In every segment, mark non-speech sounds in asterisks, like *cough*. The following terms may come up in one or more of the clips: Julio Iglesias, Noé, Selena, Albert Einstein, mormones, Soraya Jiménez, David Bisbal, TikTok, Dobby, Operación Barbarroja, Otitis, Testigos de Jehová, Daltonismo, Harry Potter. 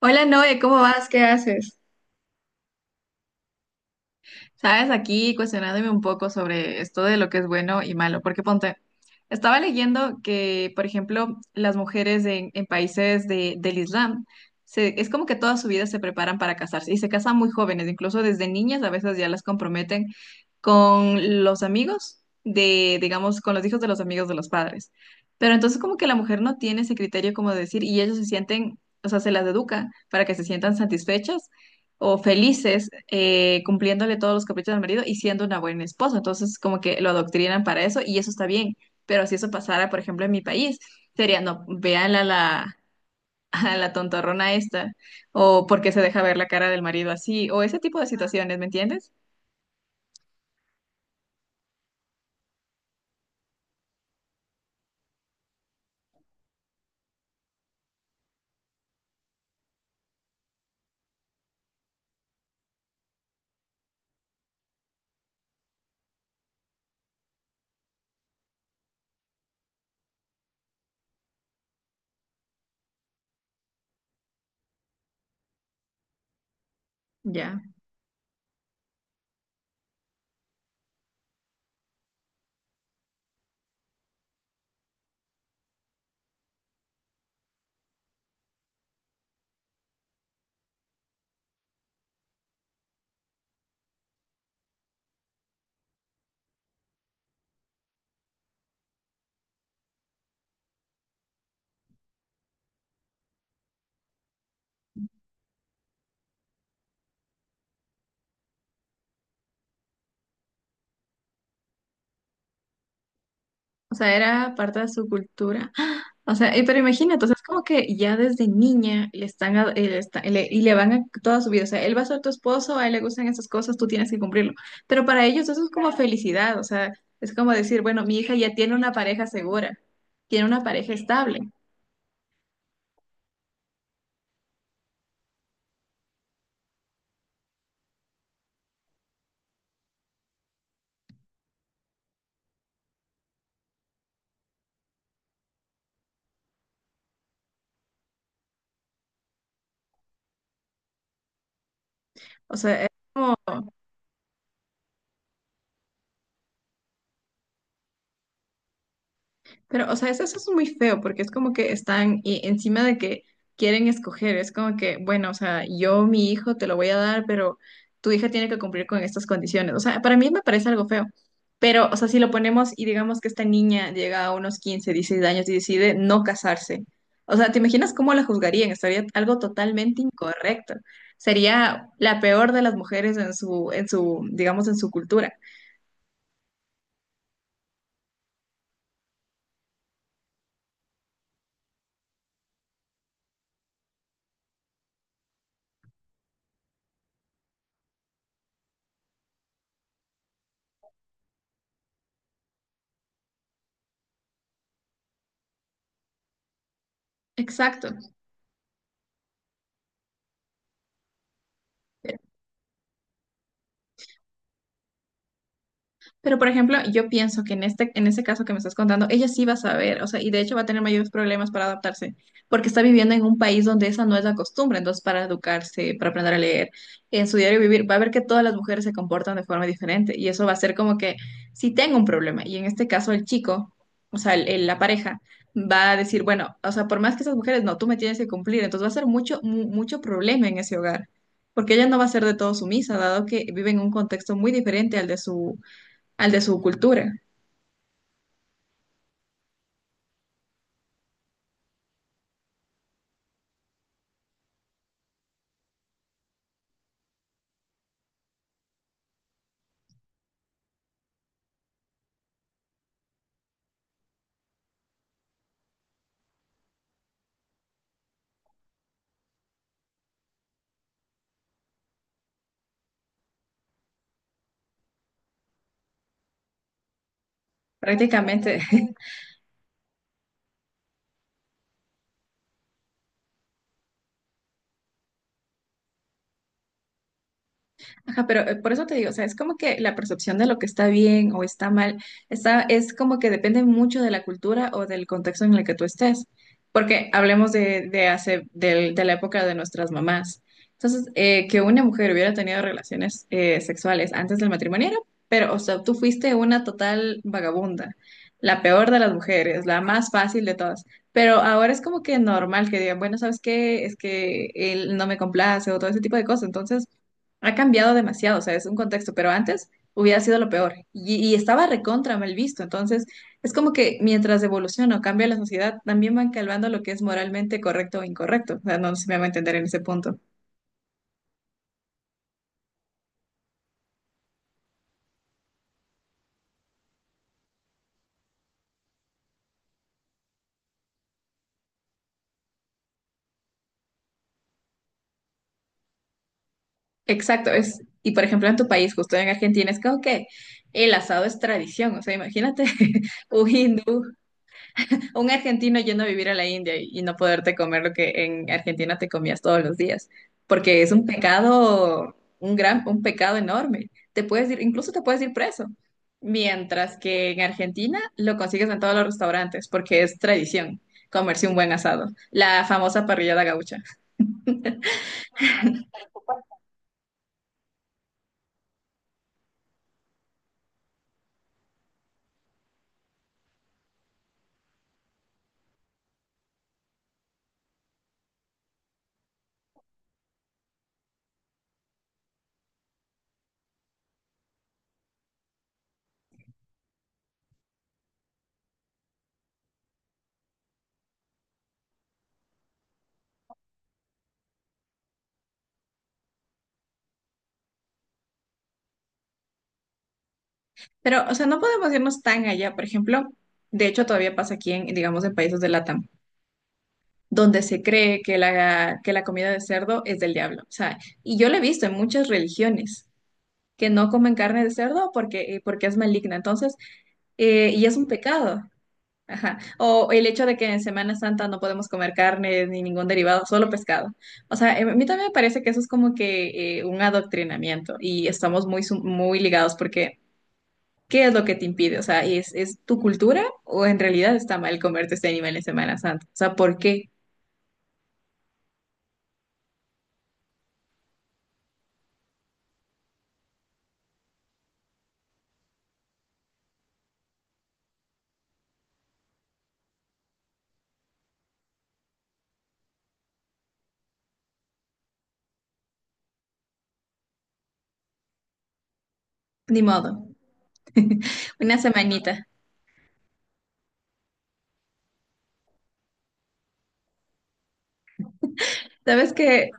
Hola Noé, ¿cómo vas? ¿Qué haces? Sabes, aquí cuestionándome un poco sobre esto de lo que es bueno y malo, porque ponte, estaba leyendo que, por ejemplo, las mujeres en países del Islam. Se- es como que toda su vida se preparan para casarse y se casan muy jóvenes, incluso desde niñas a veces ya las comprometen con los amigos de, digamos, con los hijos de los amigos de los padres. Pero entonces como que la mujer no tiene ese criterio como de decir, y ellos se sienten, o sea, se las educa para que se sientan satisfechas o felices, cumpliéndole todos los caprichos al marido y siendo una buena esposa. Entonces, como que lo adoctrinan para eso y eso está bien. Pero si eso pasara, por ejemplo, en mi país, sería, no, vean a la, *laughs* a la tontorrona esta, o porque se deja ver la cara del marido así, o ese tipo de situaciones, ¿me entiendes? Ya. O sea, era parte de su cultura. O sea, pero imagínate, o sea, es como que ya desde niña le están, y le van a toda su vida, o sea, él va a ser tu esposo, a él le gustan esas cosas, tú tienes que cumplirlo. Pero para ellos eso es como felicidad, o sea, es como decir, bueno, mi hija ya tiene una pareja segura, tiene una pareja estable. O sea. Pero, o sea, eso es muy feo porque es como que están y encima de que quieren escoger, es como que, bueno, o sea, yo mi hijo te lo voy a dar, pero tu hija tiene que cumplir con estas condiciones. O sea, para mí me parece algo feo. Pero, o sea, si lo ponemos y digamos que esta niña llega a unos 15 16 años y decide no casarse, o sea, ¿te imaginas cómo la juzgarían? Estaría algo totalmente incorrecto. Sería la peor de las mujeres en su, digamos, en su cultura. Exacto. Pero, por ejemplo, yo pienso que en ese caso que me estás contando, ella sí va a saber, o sea, y de hecho va a tener mayores problemas para adaptarse, porque está viviendo en un país donde esa no es la costumbre, entonces para educarse, para aprender a leer, en su diario vivir, va a ver que todas las mujeres se comportan de forma diferente, y eso va a ser como que si tengo un problema, y en este caso el chico, o sea, la pareja va a decir, bueno, o sea, por más que esas mujeres, no, tú me tienes que cumplir, entonces va a ser mucho, mucho problema en ese hogar. Porque ella no va a ser de todo sumisa, dado que vive en un contexto muy diferente al de su cultura, prácticamente. *laughs* Ajá, pero por eso te digo, o sea, es como que la percepción de lo que está bien o está mal, está, es como que depende mucho de la cultura o del contexto en el que tú estés, porque hablemos de la época de nuestras mamás. Entonces, que una mujer hubiera tenido relaciones sexuales antes del matrimonio, pero, o sea, tú fuiste una total vagabunda, la peor de las mujeres, la más fácil de todas. Pero ahora es como que normal que digan, bueno, ¿sabes qué? Es que él no me complace o todo ese tipo de cosas. Entonces, ha cambiado demasiado, o sea, es un contexto, pero antes hubiera sido lo peor y estaba recontra mal visto. Entonces, es como que mientras evoluciona o cambia la sociedad, también van calvando lo que es moralmente correcto o incorrecto. O sea, no sé si me va a entender en ese punto. Exacto, es, y por ejemplo en tu país, justo en Argentina, es como que el asado es tradición, o sea, imagínate *laughs* un hindú un argentino yendo a vivir a la India, y no poderte comer lo que en Argentina te comías todos los días, porque es un pecado, un gran, un pecado enorme. Te puedes ir, incluso te puedes ir preso, mientras que en Argentina lo consigues en todos los restaurantes, porque es tradición comerse un buen asado, la famosa parrillada gaucha. Pero, o sea, no podemos irnos tan allá, por ejemplo, de hecho todavía pasa aquí en, digamos, en países de Latam donde se cree que la comida de cerdo es del diablo. O sea, y yo lo he visto en muchas religiones que no comen carne de cerdo porque, porque es maligna. Entonces, y es un pecado. Ajá. O el hecho de que en Semana Santa no podemos comer carne ni ningún derivado, solo pescado. O sea, a mí también me parece que eso es como que, un adoctrinamiento y estamos muy, muy ligados porque ¿qué es lo que te impide? O sea, ¿es tu cultura o en realidad está mal comerte este animal en Semana Santa? O sea, ¿por qué? Ni modo. Una semanita. ¿Sabes qué?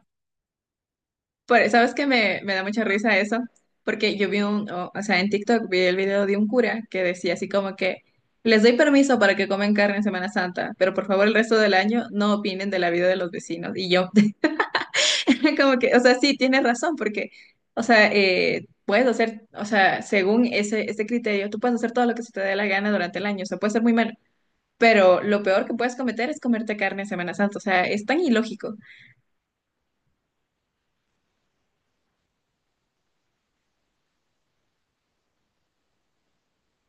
¿ Sabes qué me, me da mucha risa eso? Porque yo vi o sea, en TikTok vi el video de un cura que decía así como que les doy permiso para que comen carne en Semana Santa, pero por favor el resto del año no opinen de la vida de los vecinos. Y yo, *laughs* como que, o sea, sí, tienes razón, porque, o sea, puedes hacer, o sea, según ese criterio, tú puedes hacer todo lo que se te dé la gana durante el año, o sea, puede ser muy malo, pero lo peor que puedes cometer es comerte carne en Semana Santa, o sea, es tan ilógico.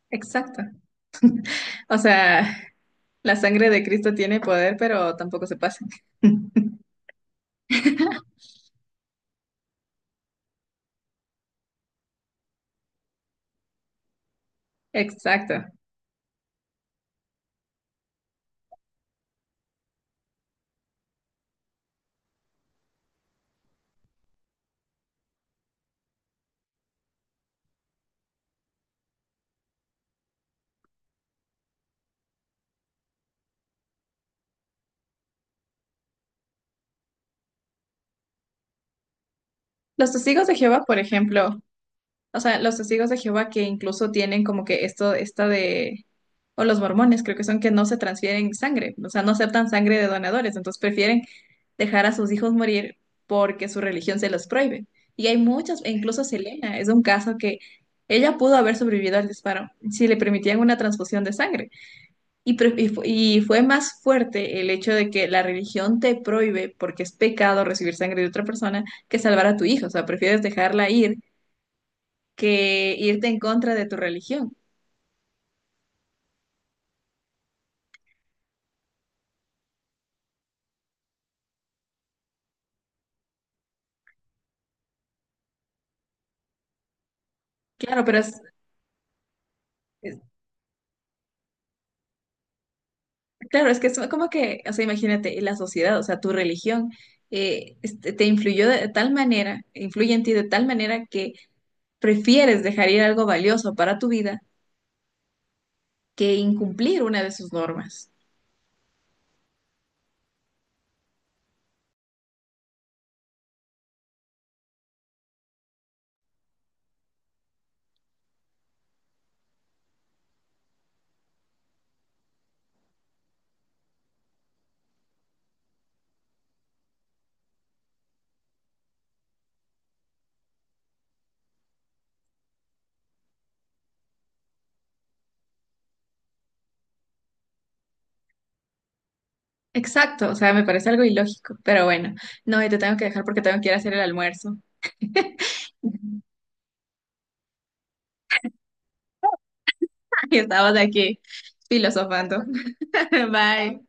Exacto. O sea, la sangre de Cristo tiene poder, pero tampoco se pasa. *laughs* Exacto. Los testigos de Jehová, por ejemplo, o sea, los testigos de Jehová que incluso tienen como que o los mormones, creo que son que no se transfieren sangre, o sea, no aceptan sangre de donadores, entonces prefieren dejar a sus hijos morir porque su religión se los prohíbe. Y hay muchas, e incluso Selena es un caso que ella pudo haber sobrevivido al disparo si le permitían una transfusión de sangre. Y fue más fuerte el hecho de que la religión te prohíbe, porque es pecado recibir sangre de otra persona, que salvar a tu hijo. O sea, prefieres dejarla ir que irte en contra de tu religión. Claro, pero es- claro, es que es como que, o sea, imagínate, la sociedad, o sea, tu religión, te influyó de tal manera, influye en ti de tal manera que prefieres dejar ir algo valioso para tu vida que incumplir una de sus normas. Exacto, o sea, me parece algo ilógico, pero bueno, no, y te tengo que dejar porque tengo que ir a hacer el almuerzo. *laughs* Y estamos aquí filosofando. *laughs* Bye.